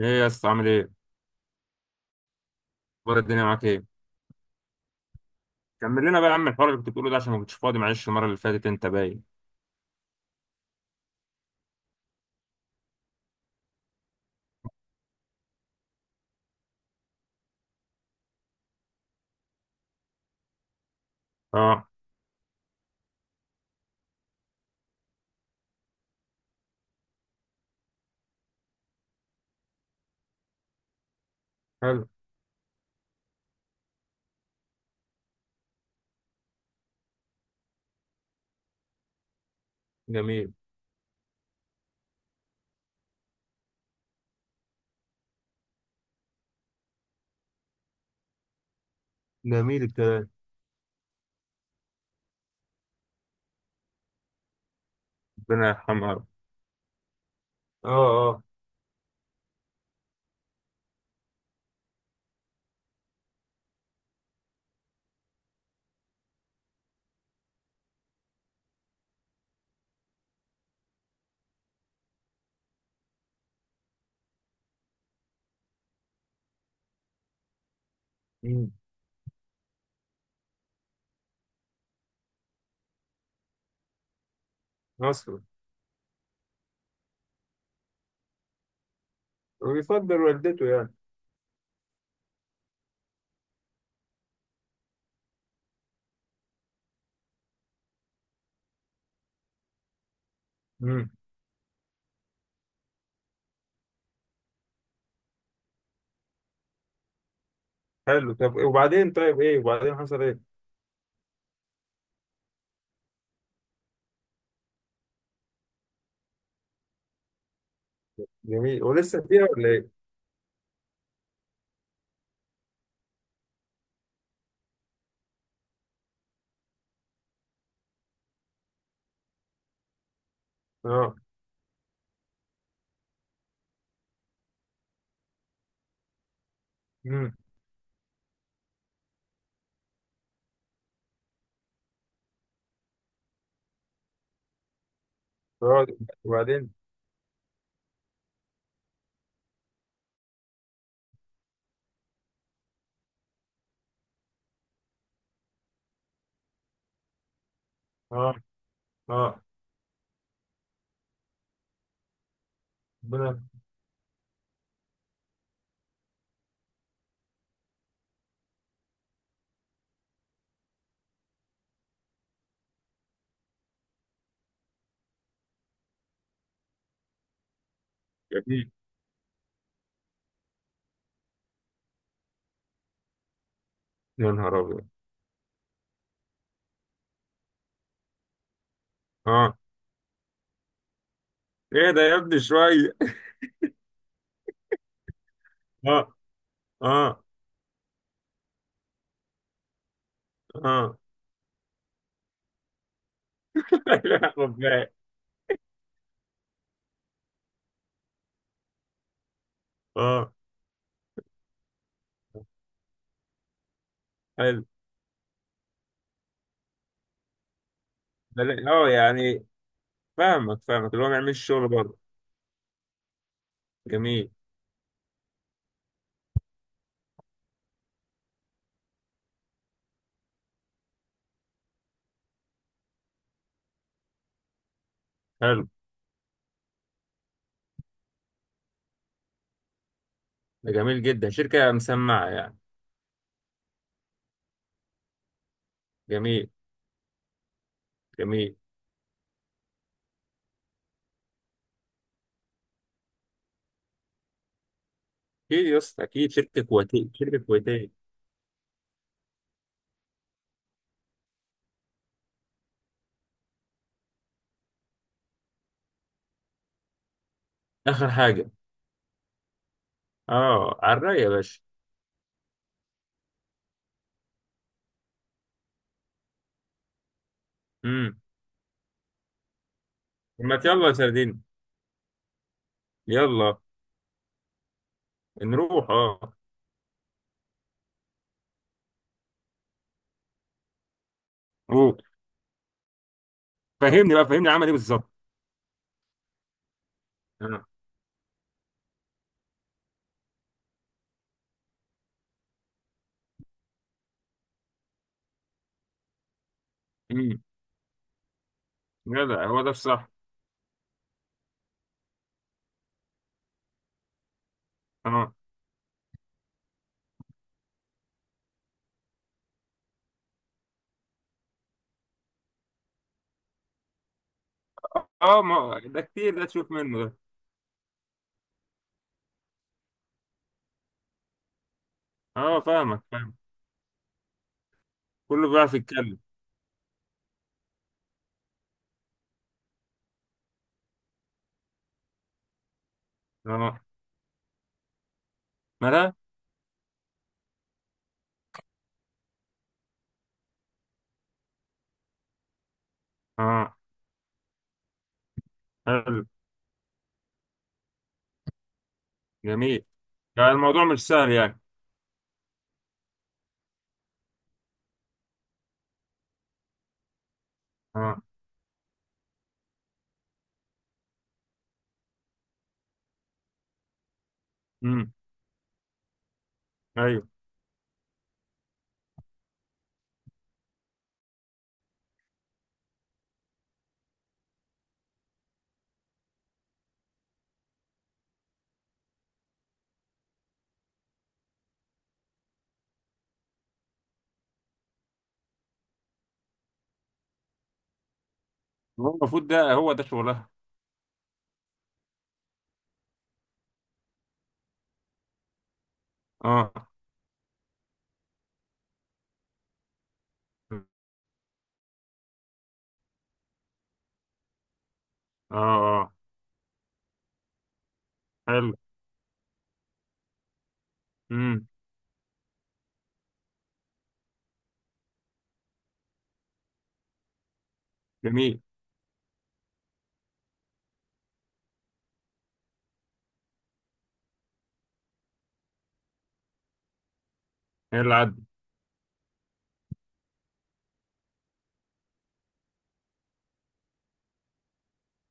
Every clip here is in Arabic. ايه يا اسطى عامل ايه؟ اخبار الدنيا معاك ايه؟ كمل لنا بقى يا عم الحوار اللي كنت بتقوله ده عشان ما كنتش فاضي، معلش المره اللي فاتت انت باين. اه. حلو. جميل. جميل الكلام. ربنا يرحمه يا رب. اه. اه. مم. اصلا. ويفضل والدته يعني. امم. حلو، طب وبعدين؟ طيب ايه وبعدين؟ حصل ايه؟ جميل، ولسه فيها ولا ايه؟ اه. امم. اه. وبعدين؟ اه. اه. ربنا. جميل. يا نهار ابيض. اه. ايه ده يا ابني شويه. اه. اه. اه. لا خد بالك. اه. حلو. يعني فاهمك، فاهمك، اللي هو ما يعملش شغل بره. جميل. حلو. ده جميل جدا، شركة مسمعة يعني. جميل. جميل. اكيد يا اسطى اكيد، شركة كويتية شركة كويتية. اخر حاجة. اه على الرأي يا باشا. امم. ما يلا يا سردين. يلا. نروح اه. روح. فهمني بقى، فهمني عمل ايه بالظبط. اه. امم. جدع، هو ده الصح. اه. اه ما ده كتير، ده تشوف منه ده. اه فاهمك، فاهم. كله بيعرف يتكلم. اه. مالها؟ اه. حلو. جميل. يعني الموضوع مش سهل يعني. اه. امم. ايوه. هو المفروض ده هو ده شغلها. اه. اه. اه. حلو. امم. جميل. ايه اللي عدى؟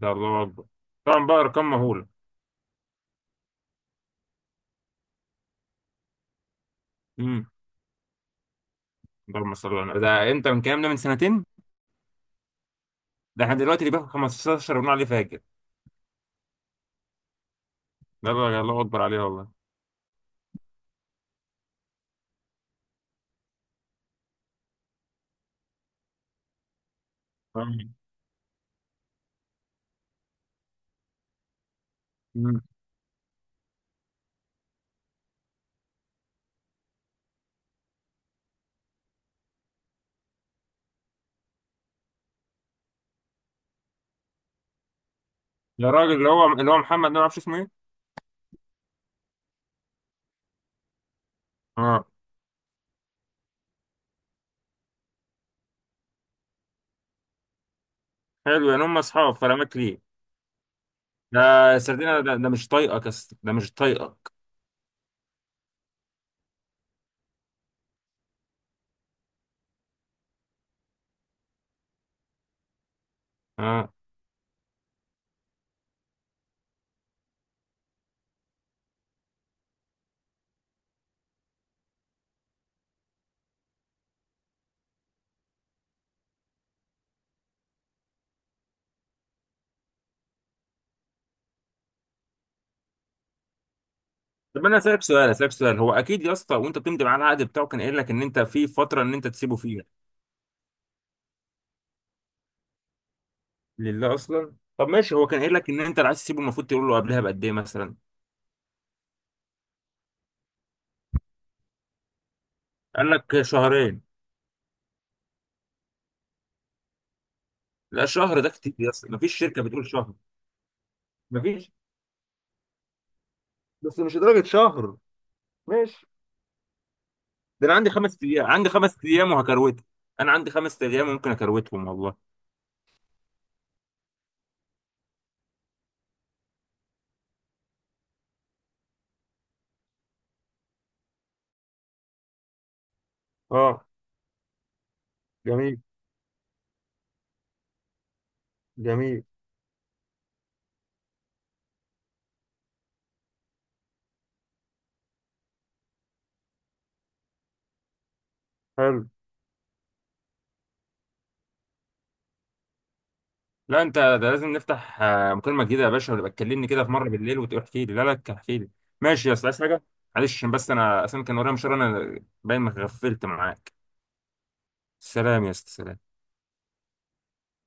ده الله اكبر. طبعا بقى ارقام مهوله. امم. اللهم صل على النبي. ده امتى من الكلام ده؟ من سنتين؟ ده احنا دلوقتي اللي بياخد 15 بنقول عليه فاجر. ده الله الله اكبر عليه والله. آه. امم. ده الراجل اللي هو اللي هو محمد ده، ما اعرفش اسمه ايه. اه. حلو يعني، هم اصحاب فلا ماك ليه ده. سردينه ده، ده مش طايقك يا اسطى. ده مش طايقك. اه. طب انا اسالك سؤال، اسالك سؤال، هو اكيد يا اسطى وانت بتمضي معاه العقد بتاعه كان قايل لك ان انت في فتره ان انت تسيبه فيها. لله اصلا. طب ماشي، هو كان قايل لك ان انت اللي عايز تسيبه المفروض تقول له قبلها بقد ايه مثلا؟ قال لك شهرين؟ لا شهر ده كتير يا اسطى، مفيش شركه بتقول شهر. مفيش. بس مش لدرجه شهر. ماشي. ده انا عندي خمس ايام، عندي خمس ايام وهكروته. انا عندي خمس ايام ممكن اكروتهم والله. اه. جميل. جميل. حلو. لا انت ده لازم نفتح آه، مكالمه جديده يا باشا، ويبقى تكلمني كده في مره بالليل وتقول احكي لي. لا احكي لي. ماشي يا اسطى، عايز حاجه؟ معلش بس انا اصلا كان ورايا مشوار انا، باين ما غفلت معاك. سلام يا اسطى، سلام.